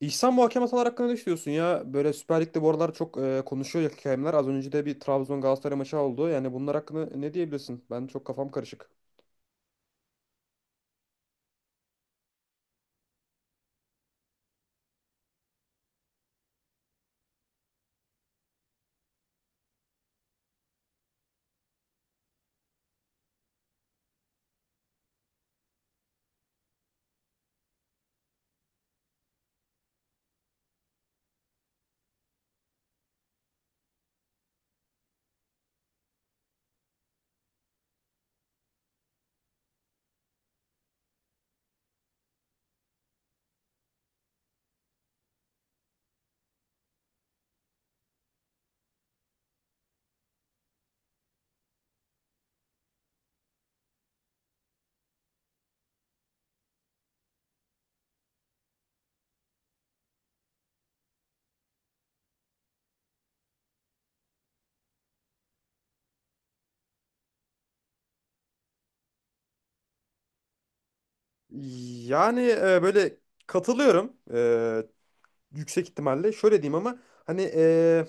İhsan, muhakeme hatalar hakkında ne düşünüyorsun ya? Böyle Süper Lig'de bu aralar çok konuşuyor ya hakemler. Az önce de bir Trabzon Galatasaray maçı oldu. Yani bunlar hakkında ne diyebilirsin? Ben çok kafam karışık. Yani böyle katılıyorum yüksek ihtimalle. Şöyle diyeyim ama hani,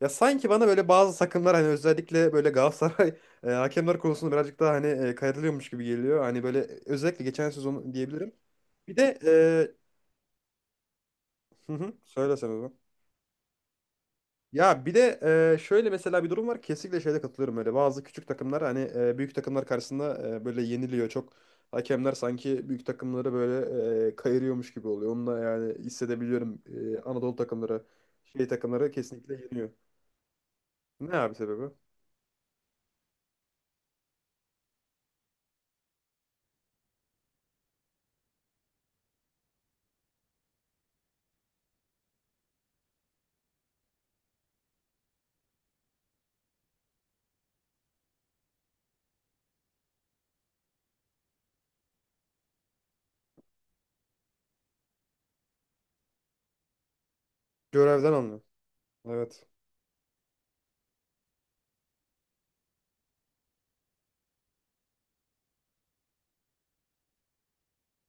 ya sanki bana böyle bazı takımlar hani özellikle böyle Galatasaray hakemler konusunda birazcık daha hani kayırılıyormuş gibi geliyor. Hani böyle özellikle geçen sezon diyebilirim. Bir de hı hı, söyle sen o zaman. Ya bir de şöyle mesela bir durum var. Kesinlikle şeyde katılıyorum öyle. Bazı küçük takımlar hani büyük takımlar karşısında böyle yeniliyor. Çok hakemler sanki büyük takımları böyle kayırıyormuş gibi oluyor. Onu da yani hissedebiliyorum. E, Anadolu takımları, şey takımları kesinlikle yeniyor. Ne abi sebebi? Görevden anlıyor. Evet.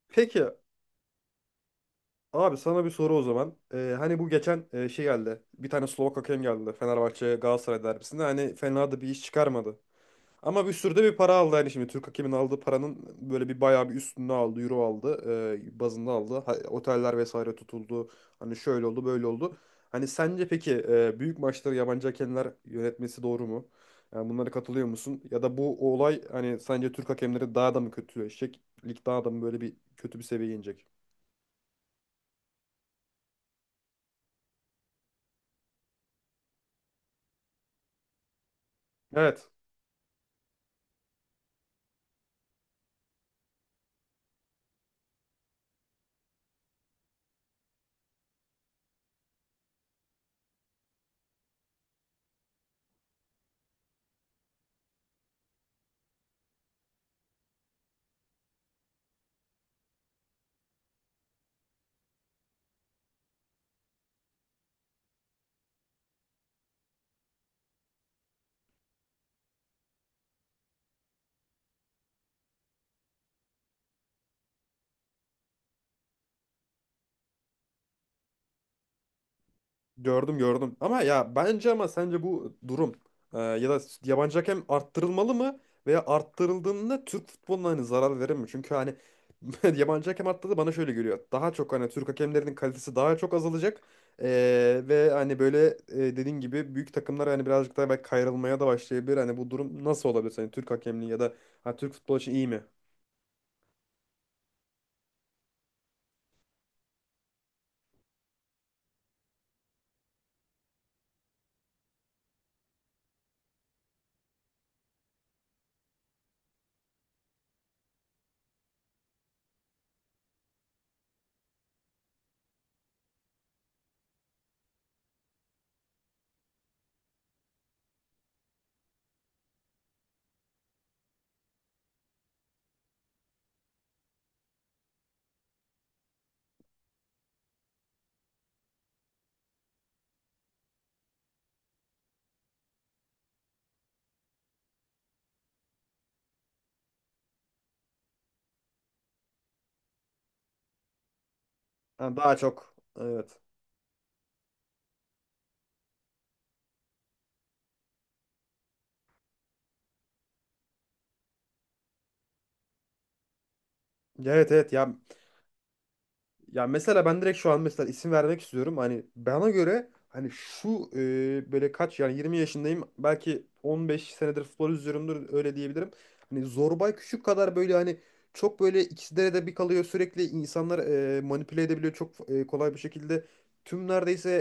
Peki abi, sana bir soru o zaman. E, hani bu geçen şey geldi. Bir tane Slovak hakem geldi. Fenerbahçe Galatasaray derbisinde. Hani fena da bir iş çıkarmadı. Ama bir sürü de bir para aldı. Yani şimdi Türk hakemin aldığı paranın böyle bir bayağı bir üstünü aldı, euro aldı, bazında aldı. Ha- oteller vesaire tutuldu. Hani şöyle oldu, böyle oldu. Hani sence peki büyük maçları yabancı hakemler yönetmesi doğru mu? Yani bunlara katılıyor musun? Ya da bu olay, hani sence Türk hakemleri daha da mı kötüleşecek? Lig daha da mı böyle bir kötü bir seviyeye inecek? Evet. Gördüm, gördüm. Ama ya bence, ama sence bu durum, ya da yabancı hakem arttırılmalı mı veya arttırıldığında Türk futboluna hani zarar verir mi? Çünkü hani yabancı hakem arttırdı, bana şöyle geliyor. Daha çok hani Türk hakemlerinin kalitesi daha çok azalacak. E, ve hani böyle, dediğin gibi büyük takımlar hani birazcık daha belki kayrılmaya da başlayabilir. Hani bu durum nasıl olabilir? Hani Türk hakemliği ya da, ha, Türk futbolu için iyi mi? Ha, daha çok. Evet. Evet, evet, ya. Ya mesela ben direkt şu an mesela isim vermek istiyorum. Hani bana göre hani şu böyle kaç, yani 20 yaşındayım. Belki 15 senedir futbol izliyorumdur, öyle diyebilirim. Hani Zorbay Küçük kadar böyle hani çok böyle ikizlere de bir kalıyor sürekli insanlar manipüle edebiliyor çok kolay bir şekilde. Tüm neredeyse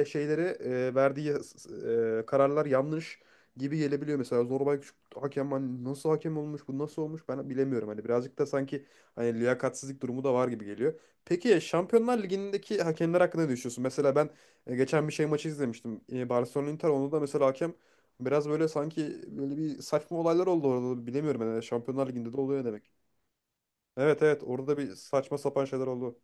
şeyleri, verdiği kararlar yanlış gibi gelebiliyor. Mesela Zorbay Küçük hakem, hani nasıl hakem olmuş bu, nasıl olmuş ben bilemiyorum. Hani birazcık da sanki hani liyakatsizlik durumu da var gibi geliyor. Peki ya Şampiyonlar Ligi'ndeki hakemler hakkında ne düşünüyorsun? Mesela ben geçen bir şey maçı izlemiştim. E, Barcelona Inter, onda da mesela hakem biraz böyle, sanki böyle bir saçma olaylar oldu orada da. Bilemiyorum yani, Şampiyonlar Ligi'nde de oluyor demek. Evet, evet, orada bir saçma sapan şeyler oldu.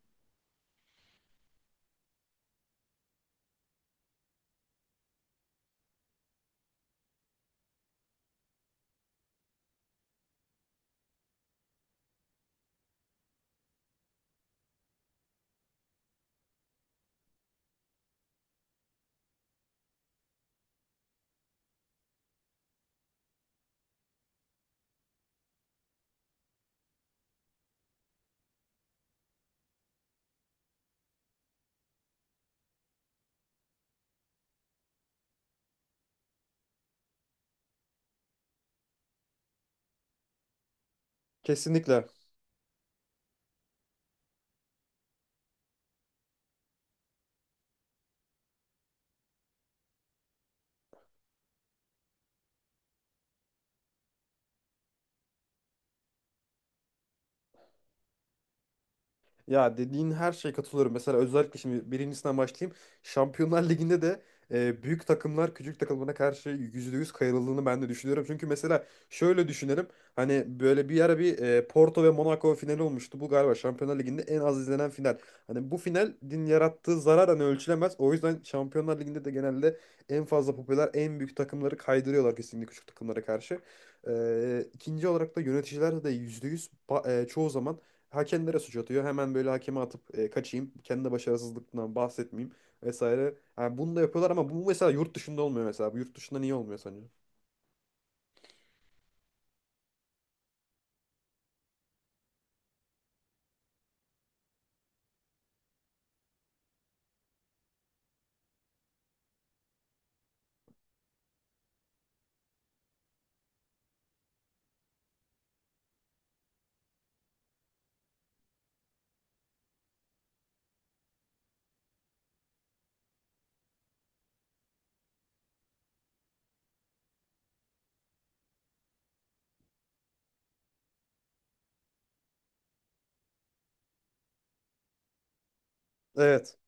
Kesinlikle. Ya dediğin her şeye katılıyorum. Mesela özellikle şimdi birincisinden başlayayım. Şampiyonlar Ligi'nde de büyük takımlar küçük takımlara karşı %100 kayırıldığını ben de düşünüyorum. Çünkü mesela şöyle düşünelim. Hani böyle bir ara bir Porto ve Monaco finali olmuştu. Bu galiba Şampiyonlar Ligi'nde en az izlenen final. Hani bu final din yarattığı zarar hani ölçülemez. O yüzden Şampiyonlar Ligi'nde de genelde en fazla popüler, en büyük takımları kaydırıyorlar kesinlikle küçük takımlara karşı. E, ikinci olarak da yöneticiler de %100 çoğu zaman hakemlere suç atıyor. Hemen böyle hakeme atıp kaçayım. Kendi başarısızlıktan bahsetmeyeyim vesaire. Yani bunu da yapıyorlar ama bu mesela yurt dışında olmuyor mesela. Bu yurt dışında niye olmuyor sence? Evet.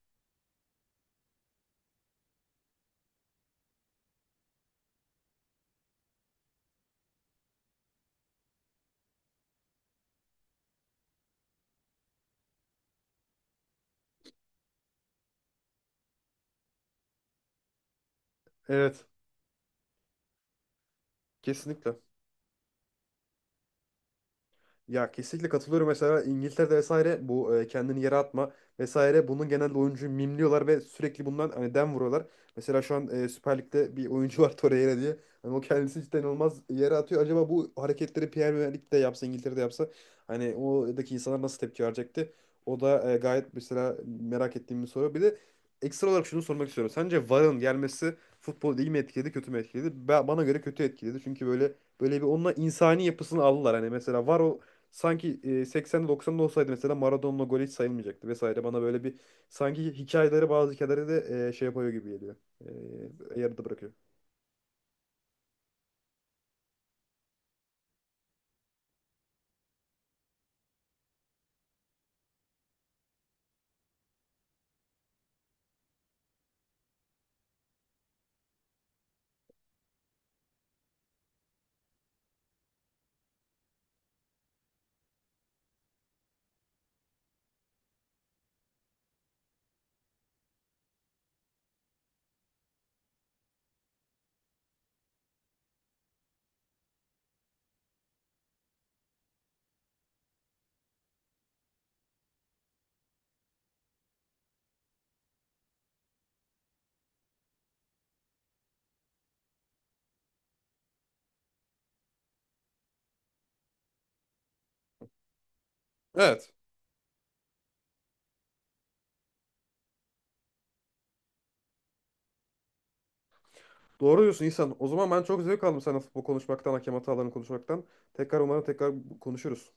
Evet. Kesinlikle. Ya kesinlikle katılıyorum. Mesela İngiltere'de vesaire, bu kendini yere atma vesaire, bunun genelde oyuncuyu mimliyorlar ve sürekli bundan hani dem vuruyorlar. Mesela şu an Süper Lig'de bir oyuncu var Torreira diye. Hani o kendisi cidden olmaz yere atıyor. Acaba bu hareketleri Premier Lig'de yapsa, İngiltere'de yapsa, hani oradaki insanlar nasıl tepki verecekti? O da gayet mesela merak ettiğim bir soru. Bir de ekstra olarak şunu sormak istiyorum. Sence VAR'ın gelmesi futbolu iyi mi etkiledi, kötü mü etkiledi? Bana göre kötü etkiledi. Çünkü böyle, böyle bir, onunla insani yapısını aldılar. Hani mesela var o, sanki 80'de 90'da olsaydı mesela Maradona'la gol hiç sayılmayacaktı vesaire. Bana böyle bir, sanki hikayeleri, bazı hikayeleri de şey yapıyor gibi geliyor. E, yarıda bırakıyor. Evet. Doğru diyorsun İhsan. O zaman ben çok zevk aldım seninle futbol konuşmaktan, hakem hatalarını konuşmaktan. Tekrar umarım tekrar konuşuruz.